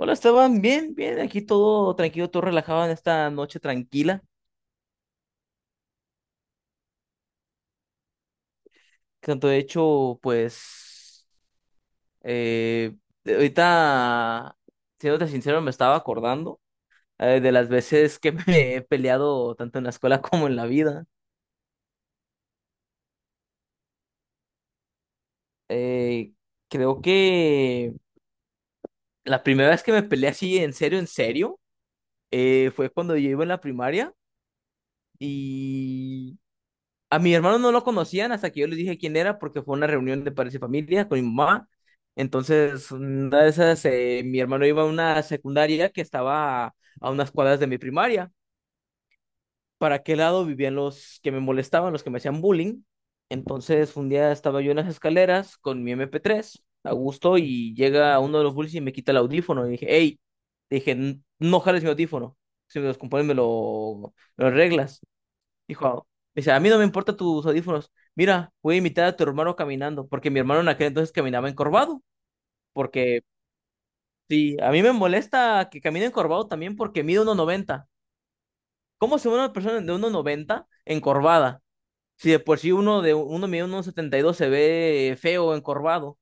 Hola Esteban, bien, bien, aquí todo tranquilo, todo relajado en esta noche tranquila. Tanto de hecho, pues, eh, ahorita, siéndote sincero, me estaba acordando de las veces que me he peleado tanto en la escuela como en la vida. Eh, Creo que la primera vez que me peleé así, en serio, fue cuando yo iba en la primaria. A mi hermano no lo conocían hasta que yo les dije quién era, porque fue una reunión de padres y familia con mi mamá. Entonces, una de esas, mi hermano iba a una secundaria que estaba a unas cuadras de mi primaria. Para qué lado vivían los que me molestaban, los que me hacían bullying. Entonces, un día estaba yo en las escaleras con mi MP3 a gusto, y llega uno de los bullies y me quita el audífono. Y dije, hey, "No jales mi audífono. Si me los compones, me lo arreglas. Dijo, Dice, a mí no me importa tus audífonos. Mira, voy a imitar a tu hermano caminando, porque mi hermano en aquel entonces caminaba encorvado, porque sí, a mí me molesta que camine encorvado también porque mide uno noventa. ¿Cómo se ve una persona de uno noventa encorvada? Si de por sí uno de uno mide uno setenta y dos se ve feo encorvado.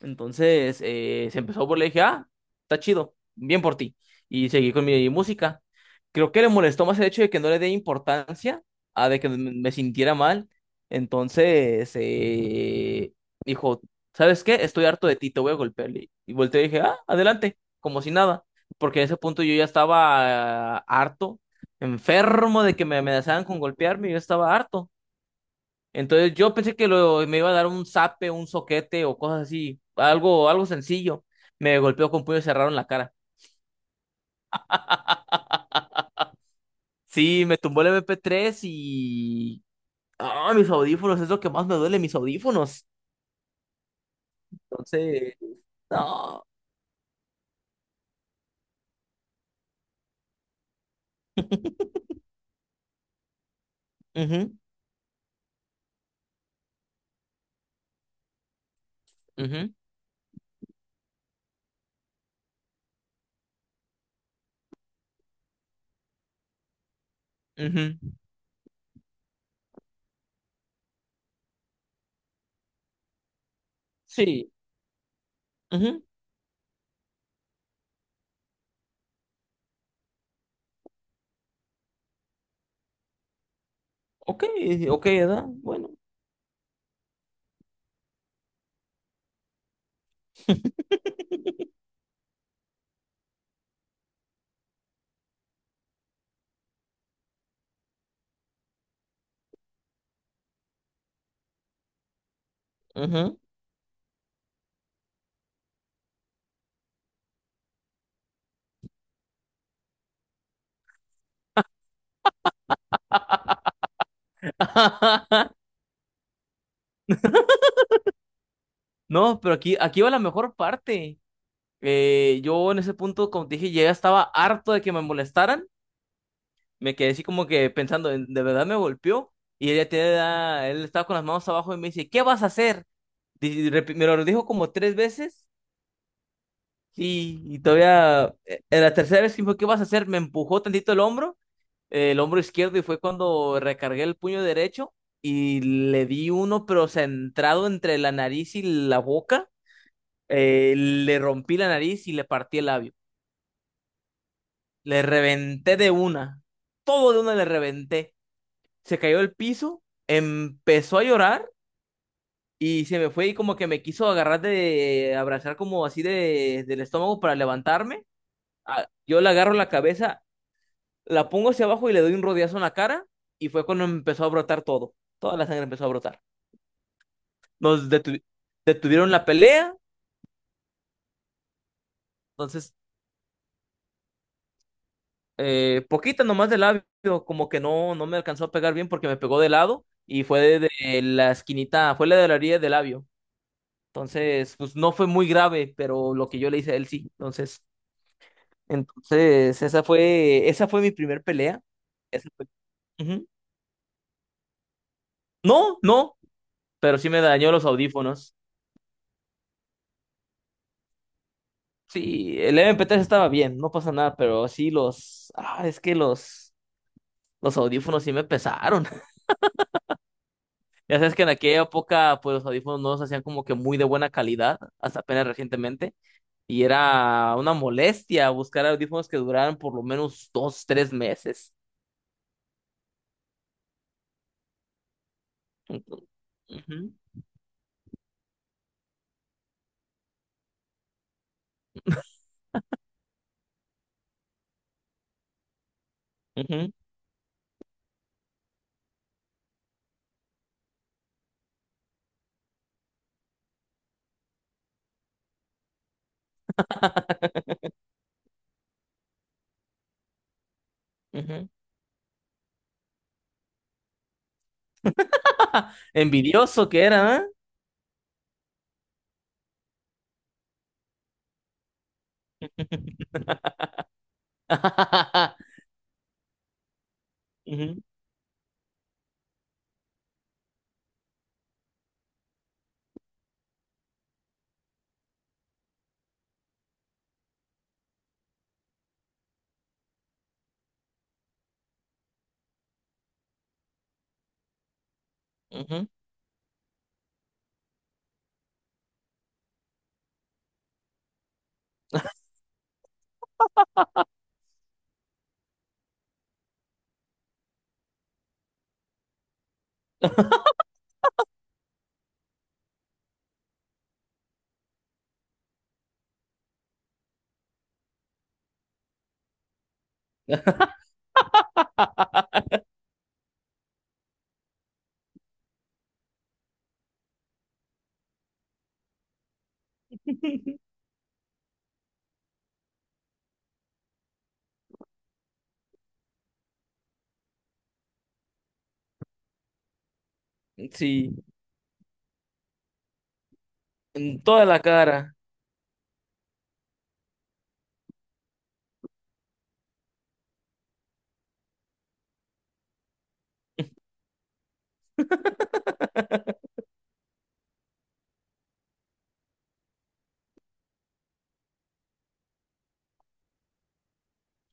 Entonces se empezó por le dije, ah, está chido, bien por ti. Y seguí con mi música. Creo que le molestó más el hecho de que no le dé importancia a de que me sintiera mal. Entonces dijo, ¿sabes qué? Estoy harto de ti, te voy a golpear. Y volteé y dije, ah, adelante, como si nada. Porque en ese punto yo ya estaba harto, enfermo de que me amenazaran con golpearme, yo estaba harto. Entonces yo pensé que me iba a dar un zape, un soquete o cosas así, algo sencillo. Me golpeó con puño cerrado en la cara. Sí, me tumbó el MP3 y... Ah, mis audífonos, es lo que más me duele, mis audífonos. Entonces, no. Ujú, ujú, ujú. Sí, ujú. Ok, ok, ¿verdad? Bueno. Ujú. No, pero aquí va la mejor parte. Yo en ese punto, como te dije, ya estaba harto de que me molestaran. Me quedé así como que pensando, ¿de verdad me golpeó? Él estaba con las manos abajo y me dice, ¿qué vas a hacer? Me lo dijo como tres veces, y todavía, en la tercera vez que me dijo, ¿qué vas a hacer? Me empujó tantito el hombro izquierdo y fue cuando recargué el puño derecho y le di uno, pero centrado entre la nariz y la boca, le rompí la nariz y le partí el labio. Le reventé de una, todo de una le reventé. Se cayó al piso, empezó a llorar y se me fue y como que me quiso agarrar de abrazar como así del estómago para levantarme. Ah, yo le agarro la cabeza, la pongo hacia abajo y le doy un rodeazo en la cara y fue cuando empezó a brotar todo. Toda la sangre empezó a brotar. Nos detuvieron la pelea, entonces poquita nomás de labio, como que no me alcanzó a pegar bien porque me pegó de lado y fue de la esquinita, fue la de la orilla del labio. Entonces, pues no fue muy grave, pero lo que yo le hice a él sí. Entonces, esa fue mi primer pelea. Esa fue- Ujú. No, no, pero sí me dañó los audífonos. Sí, el MP3 estaba bien, no pasa nada, pero sí los, ah, es que los audífonos sí me pesaron. Ya sabes que en aquella época, pues los audífonos no se hacían como que muy de buena calidad, hasta apenas recientemente, y era una molestia buscar audífonos que duraran por lo menos dos, tres meses. Ujú. Ujú, ujú. Envidioso que era, ¿eh? Ujú, ujú. Sí, en toda la cara.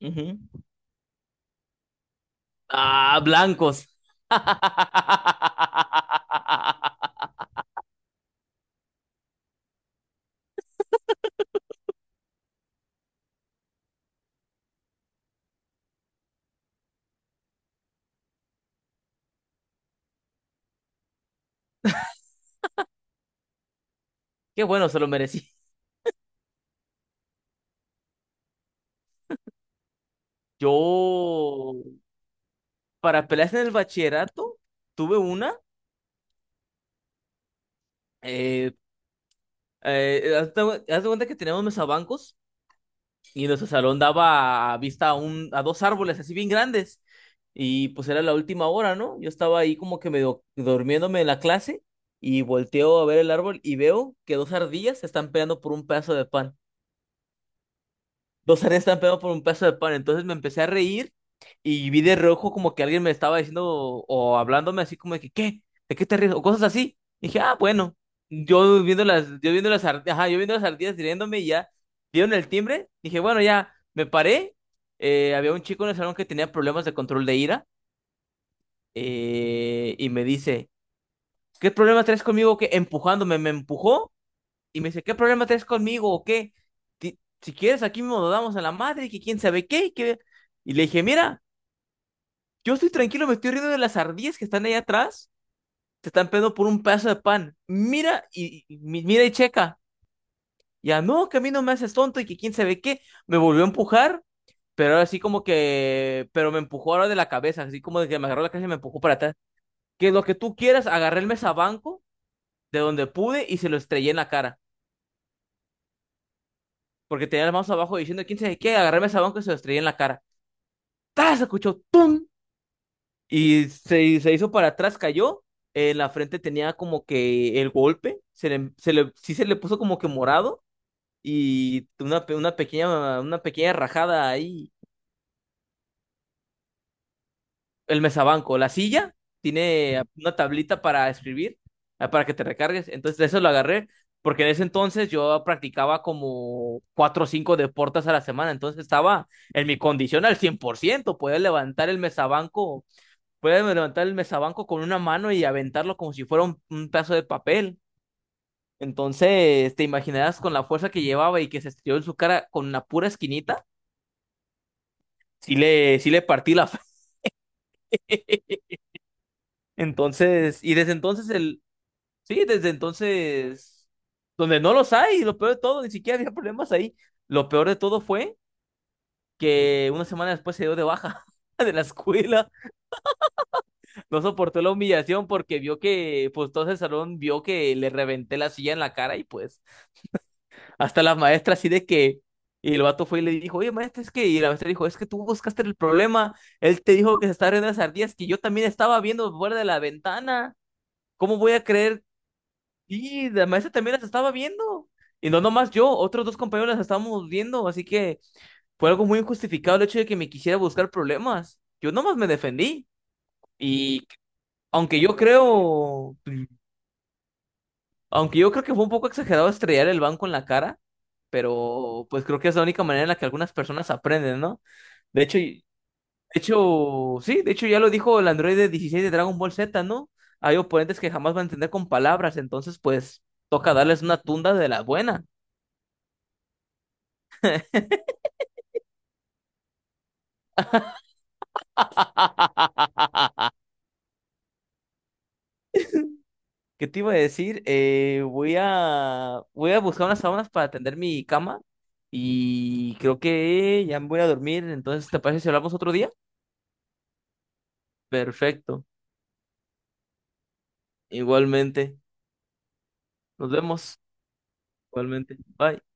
Ujú. Ah, blancos. Qué bueno, se lo merecí. Yo, para peleas en el bachillerato, tuve una. Eh, haz de cuenta que teníamos mesabancos y nuestro salón daba a vista a dos árboles así bien grandes. Y pues era la última hora, ¿no? Yo estaba ahí como que medio durmiéndome en la clase y volteo a ver el árbol y veo que dos ardillas se están peleando por un pedazo de pan. Dos áreas están pegados por un pedazo de pan. Entonces me empecé a reír y vi de rojo como que alguien me estaba diciendo o hablándome así como de que, ¿qué? ¿De qué te ríes? O cosas así. Y dije, ah, bueno. Yo viendo las ardillas riéndome y ya dieron el timbre. Dije, bueno, ya me paré. Había un chico en el salón que tenía problemas de control de ira, y me dice, ¿qué problema traes conmigo? Que empujándome, me empujó y me dice, ¿qué problema tenés conmigo o qué? Si quieres, aquí mismo nos damos a la madre, que quién sabe qué, y que... Y le dije, mira, yo estoy tranquilo, me estoy riendo de las ardillas que están ahí atrás, te están pegando por un pedazo de pan. Mira mira y checa. Ya, no, que a mí no me haces tonto y que quién sabe qué. Me volvió a empujar, pero ahora sí como que... Pero me empujó ahora de la cabeza, así como de que me agarró la cabeza y me empujó para atrás. Que lo que tú quieras, agarré el mesabanco de donde pude y se lo estrellé en la cara, porque tenía las manos abajo diciendo quién sabe qué, agarrarme el banco y se lo estrellé en la cara. ¡Tas! Escuchó ¡tum! Y se hizo para atrás, cayó. En la frente tenía como que el golpe, sí se le puso como que morado, y una pequeña rajada ahí. El mesabanco, la silla tiene una tablita para escribir, ah, para que te recargues. Entonces, de eso lo agarré, porque en ese entonces yo practicaba como cuatro o cinco deportes a la semana. Entonces, estaba en mi condición al 100%. Podía levantar el mesabanco con una mano y aventarlo como si fuera un pedazo de papel. Entonces, te imaginarás con la fuerza que llevaba y que se estiró en su cara con una pura esquinita. Sí le partí la. Entonces, y desde entonces el, Sí, desde entonces, donde no los hay, y lo peor de todo, ni siquiera había problemas ahí. Lo peor de todo fue que una semana después se dio de baja de la escuela, no soportó la humillación porque vio que, pues todo el salón vio que le reventé la silla en la cara y pues hasta la maestra así de que, y el vato fue y le dijo, oye maestra, es que, y la maestra dijo, es que tú buscaste el problema, él te dijo que se estaba riendo de las ardillas, que yo también estaba viendo fuera de la ventana, ¿cómo voy a creer? Y la maestra también las estaba viendo. Y no nomás yo, otros dos compañeros las estábamos viendo. Así que fue algo muy injustificado el hecho de que me quisiera buscar problemas. Yo nomás me defendí. Y aunque yo creo, aunque yo creo que fue un poco exagerado estrellar el banco en la cara, pero pues creo que es la única manera en la que algunas personas aprenden, ¿no? De hecho, y- de hecho, sí, de hecho ya lo dijo el androide 16 de Dragon Ball Z, ¿no? Hay oponentes que jamás van a entender con palabras, entonces pues toca darles una tunda de la buena. ¿Qué te iba a decir? Voy a buscar unas sábanas para atender mi cama y creo que ya me voy a dormir. Entonces, ¿te parece si hablamos otro día? Perfecto. Igualmente. Nos vemos. Igualmente. Bye.